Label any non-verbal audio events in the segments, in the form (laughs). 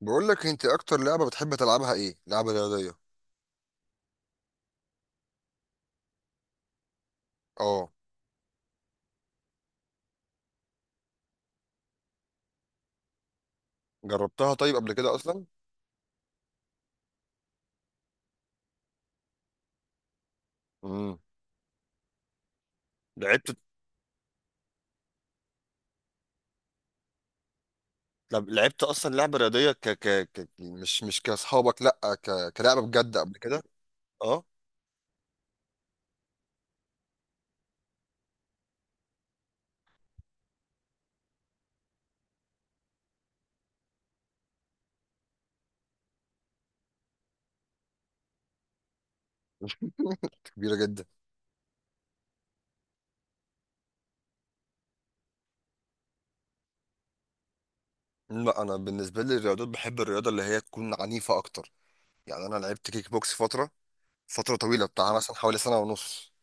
بقول لك انت اكتر لعبه بتحب تلعبها ايه؟ لعبه رياضيه. اه. جربتها طيب قبل كده اصلا؟ امم لعبت. لعبت اصلا لعبه رياضيه مش كاصحابك، لا كلعبه بجد قبل كده؟ اه. كبيره جدا. لا انا بالنسبه لي الرياضات، بحب الرياضه اللي هي تكون عنيفه اكتر. يعني انا لعبت كيك بوكس فتره طويله بتاع مثلا حوالي سنه ونص.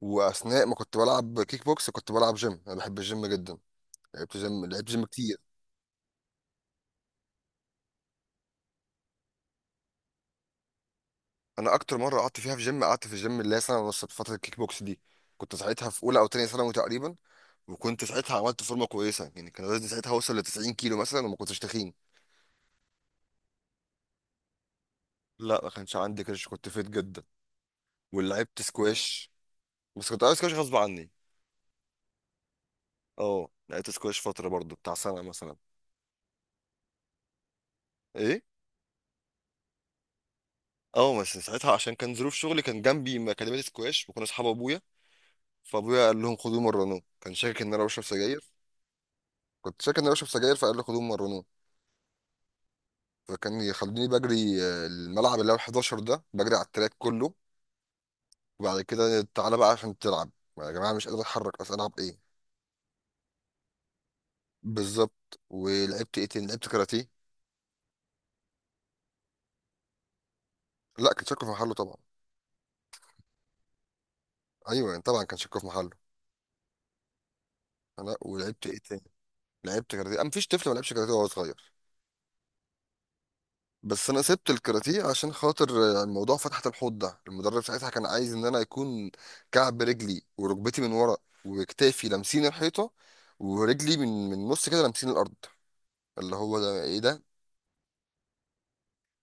واثناء ما كنت بلعب كيك بوكس كنت بلعب جيم، انا بحب الجيم جدا. لعبت جيم كتير. انا اكتر مره قعدت فيها في جيم، قعدت في الجيم اللي هي سنه ونص في فتره الكيك بوكس دي. كنت ساعتها في اولى او تانية ثانوي تقريبا. وكنت ساعتها عملت فورمه كويسه، يعني كان وزني ساعتها وصل ل 90 كيلو مثلا وما كنتش تخين. لا، ما كانش عندي كرش، كنت فيت جدا. ولعبت سكواش. بس كنت عايز سكواش غصب عني. اه، لعبت سكواش فتره برضو بتاع سنه مثلا. ايه؟ اه، بس ساعتها عشان كان ظروف شغلي، كان جنبي اكاديميه سكواش وكنا اصحاب ابويا. فابويا قال لهم خدوه مرنوه، كان شاكك ان انا بشرب سجاير. كنت شاكك ان انا بشرب سجاير، فقال لي خدوه مرنوه. فكان يخلوني بجري الملعب اللي هو 11 ده، بجري على التراك كله. وبعد كده تعالى بقى عشان تلعب. يا جماعه مش قادر اتحرك، اصل العب ايه؟ بالظبط. ولعبت ايه تاني؟ لعبت كاراتيه. لا، كان شكله في محله طبعا. ايوه يعني طبعا كان شكله في محله. انا ولعبت ايه تاني؟ لعبت كاراتيه. أنا مفيش طفل ما لعبش كاراتيه وهو صغير. بس انا سبت الكاراتيه عشان خاطر الموضوع، فتحة الحوض ده. المدرب ساعتها كان عايز ان انا يكون كعب رجلي وركبتي من ورا وكتافي لامسين الحيطه، ورجلي من نص كده لامسين الارض. اللي هو ده ايه ده؟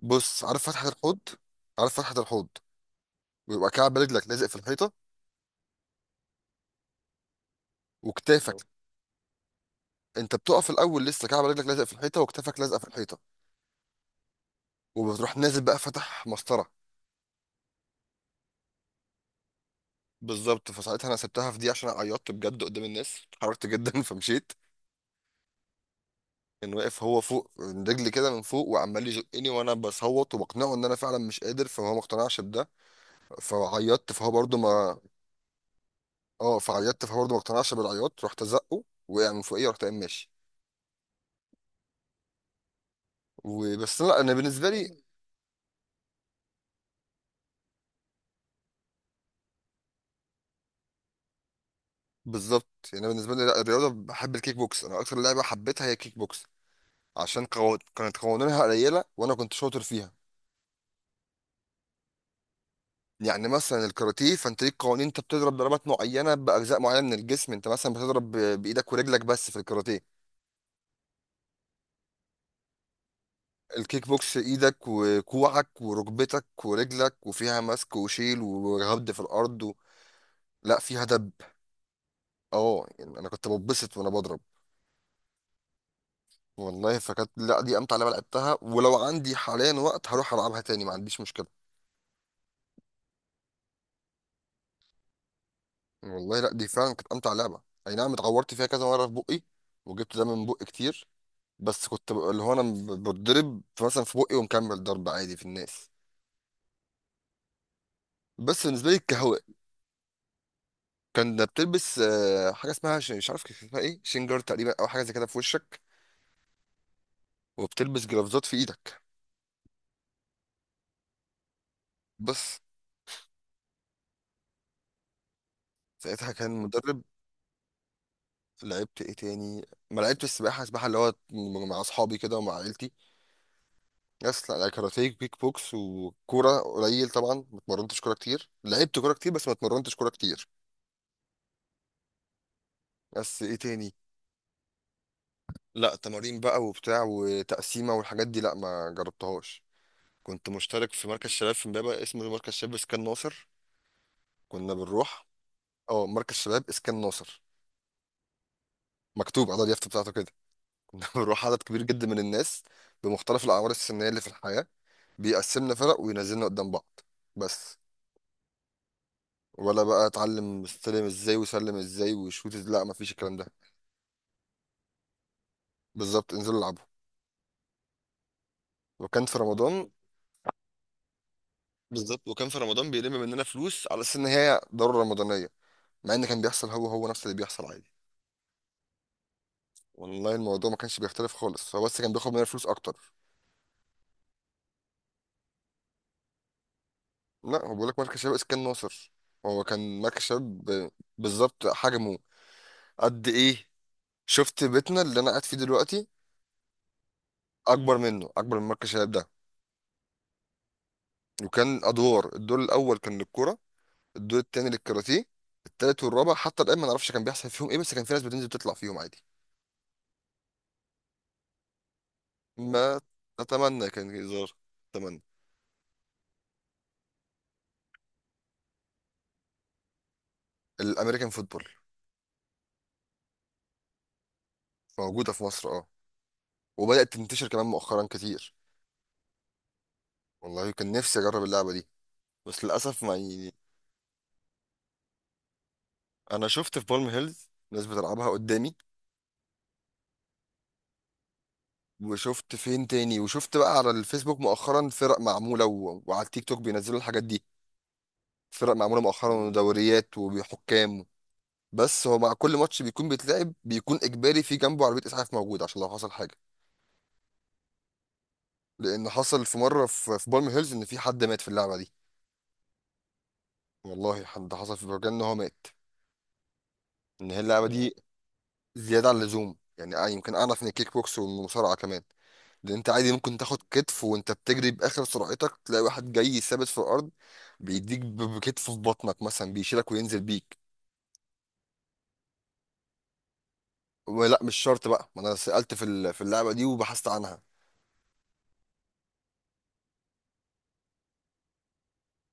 بص، عارف فتحة الحوض. عارف فتحة الحوض؟ بيبقى كعب رجلك لازق في الحيطة وكتافك. انت بتقف الاول لسه كعب رجلك لازق في الحيطة وكتافك لازقة في الحيطة. وبتروح نازل بقى فتح مسطرة. بالظبط. فساعتها انا سبتها في دي عشان عيطت بجد قدام الناس، اتحركت جدا (laughs) فمشيت. كان واقف هو فوق من رجلي كده من فوق وعمال يزقني وانا بصوت وبقنعه ان انا فعلا مش قادر، فهو ما اقتنعش بده. فعيطت فهو برضه ما. اه. فعيطت فهو برضه ما اقتنعش بالعياط، رحت ازقه وقع من فوقيه ورحت قايم ماشي. وبس. لا انا بالنسبه لي. بالظبط. يعني انا بالنسبه لي، لا الرياضه، بحب الكيك بوكس. انا اكتر لعبه حبيتها هي الكيك بوكس. عشان كانت قوانينها قليله وانا كنت شاطر فيها. يعني مثلا الكاراتيه فانت ليك قوانين، انت بتضرب ضربات معينه باجزاء معينه من الجسم. انت مثلا بتضرب بايدك ورجلك بس في الكاراتيه. الكيك بوكس ايدك وكوعك وركبتك ورجلك، وفيها مسك وشيل وهبد في الارض و... لا فيها دب. اه يعني انا كنت ببسط وانا بضرب. والله، فكانت، لا دي امتع لعبه لعبتها. ولو عندي حاليا وقت هروح العبها تاني، ما عنديش مشكله. والله لا، دي فعلا كانت امتع لعبه. اي نعم، اتعورت فيها كذا مره في بقي. وجبت دم من بقي كتير. بس كنت اللي هو انا بتضرب مثلا في بقي ومكمل ضرب عادي في الناس. بس بالنسبه لي كهواء. كان ده بتلبس حاجه اسمها مش عارف كان اسمها ايه، شنجر تقريبا او حاجه زي كده في وشك. وبتلبس جرافزات في ايدك. بس. ساعتها كان مدرب. لعبت ايه تاني؟ ما لعبت السباحه. السباحه اللي هو مع اصحابي كده ومع عيلتي. يس لا لا، كاراتيه كيك بوكس وكوره قليل. طبعا ما اتمرنتش كوره كتير، لعبت كوره كتير بس ما اتمرنتش كوره كتير. بس ايه تاني؟ لا تمارين بقى وبتاع وتقسيمه والحاجات دي لا ما جربتهاش. كنت مشترك في مركز شباب في امبابه اسمه مركز شباب اسكان ناصر. كنا بنروح. اه، مركز شباب اسكان ناصر. مكتوب على اليافطه بتاعته كده (laughs) كنا بنروح عدد كبير جدا من الناس، بمختلف الاعمار السنيه اللي في الحياه. بيقسمنا فرق وينزلنا قدام بعض. بس. ولا بقى اتعلم استلم ازاي وسلم ازاي وشوت لا مفيش الكلام ده. بالظبط، انزلوا العبوا. وكان في رمضان. بالظبط، وكان في رمضان بيلم مننا فلوس على اساس ان هي ضرورة رمضانية. مع ان كان بيحصل هو هو نفس اللي بيحصل عادي. والله الموضوع ما كانش بيختلف خالص، هو بس كان بياخد مننا فلوس اكتر. لا، هو بيقول لك مركز شباب اسكان ناصر. هو كان مركز شباب بالظبط. حجمه قد ايه؟ شفت بيتنا اللي انا قاعد فيه دلوقتي؟ اكبر منه، اكبر من مركز شباب ده. وكان ادوار، الدور الاول كان للكوره، الدور التاني للكاراتيه، التالت والرابع حتى الآن ما نعرفش كان بيحصل فيهم إيه، بس كان في ناس بتنزل تطلع فيهم عادي. ما أتمنى كان هزار. أتمنى. الأمريكان فوتبول. موجودة في مصر، أه. وبدأت تنتشر كمان مؤخرا كتير. والله كان نفسي أجرب اللعبة دي بس للأسف ما يعني. أنا شفت في بالم هيلز ناس بتلعبها قدامي. وشفت فين تاني، وشفت بقى على الفيسبوك مؤخرا فرق معمولة و... وعلى التيك توك بينزلوا الحاجات دي. فرق معمولة مؤخرا ودوريات وحكام. بس هو مع كل ماتش بيكون بيتلعب، بيكون اجباري في جنبه عربيه اسعاف موجوده عشان لو حصل حاجه. لان حصل في مره في بالم هيلز ان في حد مات في اللعبه دي. والله حد حصل في برجان ان هو مات. ان هي اللعبه دي زياده عن اللزوم، يعني آه يمكن اعنف من الكيك بوكس والمصارعه كمان. لان انت عادي ممكن تاخد كتف وانت بتجري باخر سرعتك، تلاقي واحد جاي ثابت في الارض بيديك بكتفه في بطنك مثلا، بيشيلك وينزل بيك. ولا مش شرط بقى، ما انا سالت في في اللعبه دي وبحثت عنها.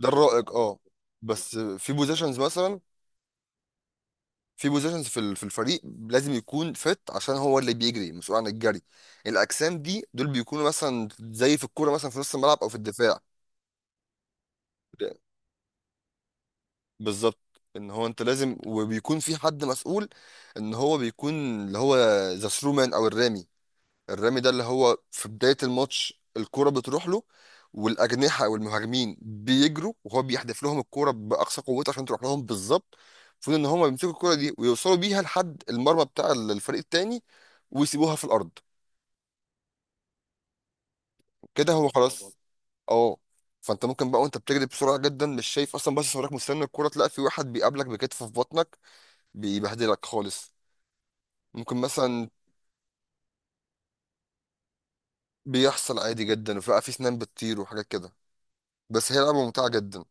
ده الرائج، اه. بس في بوزيشنز مثلا، في بوزيشنز في في الفريق لازم يكون فت عشان هو اللي بيجري مسؤول عن الجري. الاجسام دي دول بيكونوا مثلا زي في الكوره مثلا في نص الملعب او في الدفاع. بالظبط. ان هو انت لازم، وبيكون في حد مسؤول ان هو بيكون، اللي هو، ذا ثرو مان او الرامي. الرامي ده اللي هو في بداية الماتش الكرة بتروح له. والأجنحة أو المهاجمين بيجروا وهو بيحدف لهم الكرة بأقصى قوته عشان تروح لهم بالظبط. المفروض إن هما بيمسكوا الكرة دي ويوصلوا بيها لحد المرمى بتاع الفريق التاني، ويسيبوها في الأرض، كده هو خلاص. أه. فأنت ممكن بقى وأنت بتجري بسرعة جدا مش شايف أصلا، بس صورك مستني الكرة، تلاقي في واحد بيقابلك بكتفه في بطنك، بيبهدلك خالص. ممكن مثلا. بيحصل عادي جدا، وفي بقى في سنان بتطير وحاجات كده. بس هي لعبة ممتعة جدا.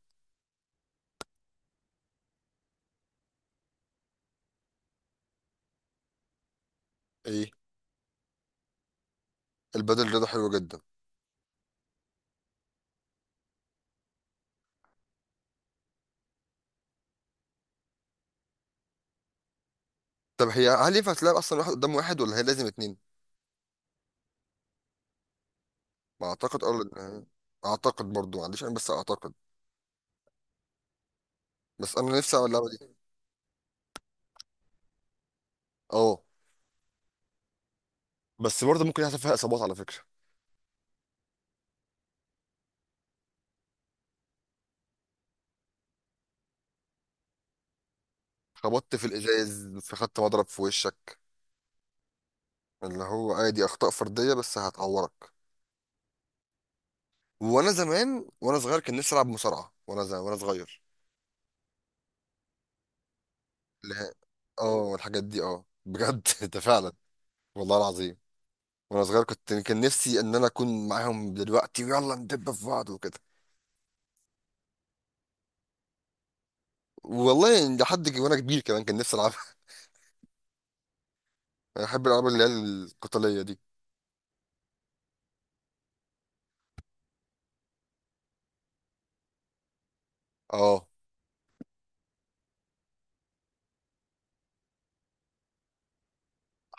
إيه؟ البدل رياضة حلوة جدا. طب هي هل ينفع تلعب أصلا واحد قدام واحد ولا هي لازم اتنين؟ ما أعتقد، أه لأن-. أعتقد برضو، ما عنديش أنا، بس أعتقد. بس أنا نفسي أعمل اللعبة دي. أه. بس برضه ممكن يحصل فيها إصابات على فكرة. خبطت في الإزاز، في خدت مضرب في وشك. اللي هو عادي أخطاء فردية بس هتعورك. وأنا زمان وأنا صغير كان نفسي ألعب مصارعة. وأنا زمان وأنا صغير اللي هي، أه الحاجات دي، أه بجد (laughs) ده فعلا. والله العظيم. وأنا صغير كنت كان نفسي إن أنا أكون معاهم دلوقتي ويلا ندب في بعض وكده. والله لحد وانا كبير كمان كان نفسي العبها. (laughs) انا بحب الالعاب اللي هي القتاليه دي. اه.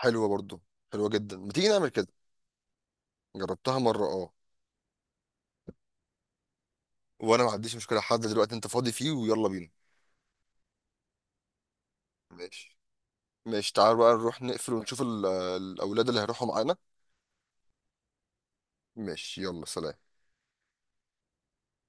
حلوه برضو، حلوه جدا. ما تيجي نعمل كده. جربتها مره، اه. وانا ما عنديش مشكله، حد دلوقتي انت فاضي فيه ويلا بينا. ماشي. ماشي، تعال بقى نروح نقفل ونشوف الاولاد اللي هيروحوا معانا. ماشي، يلا سلام.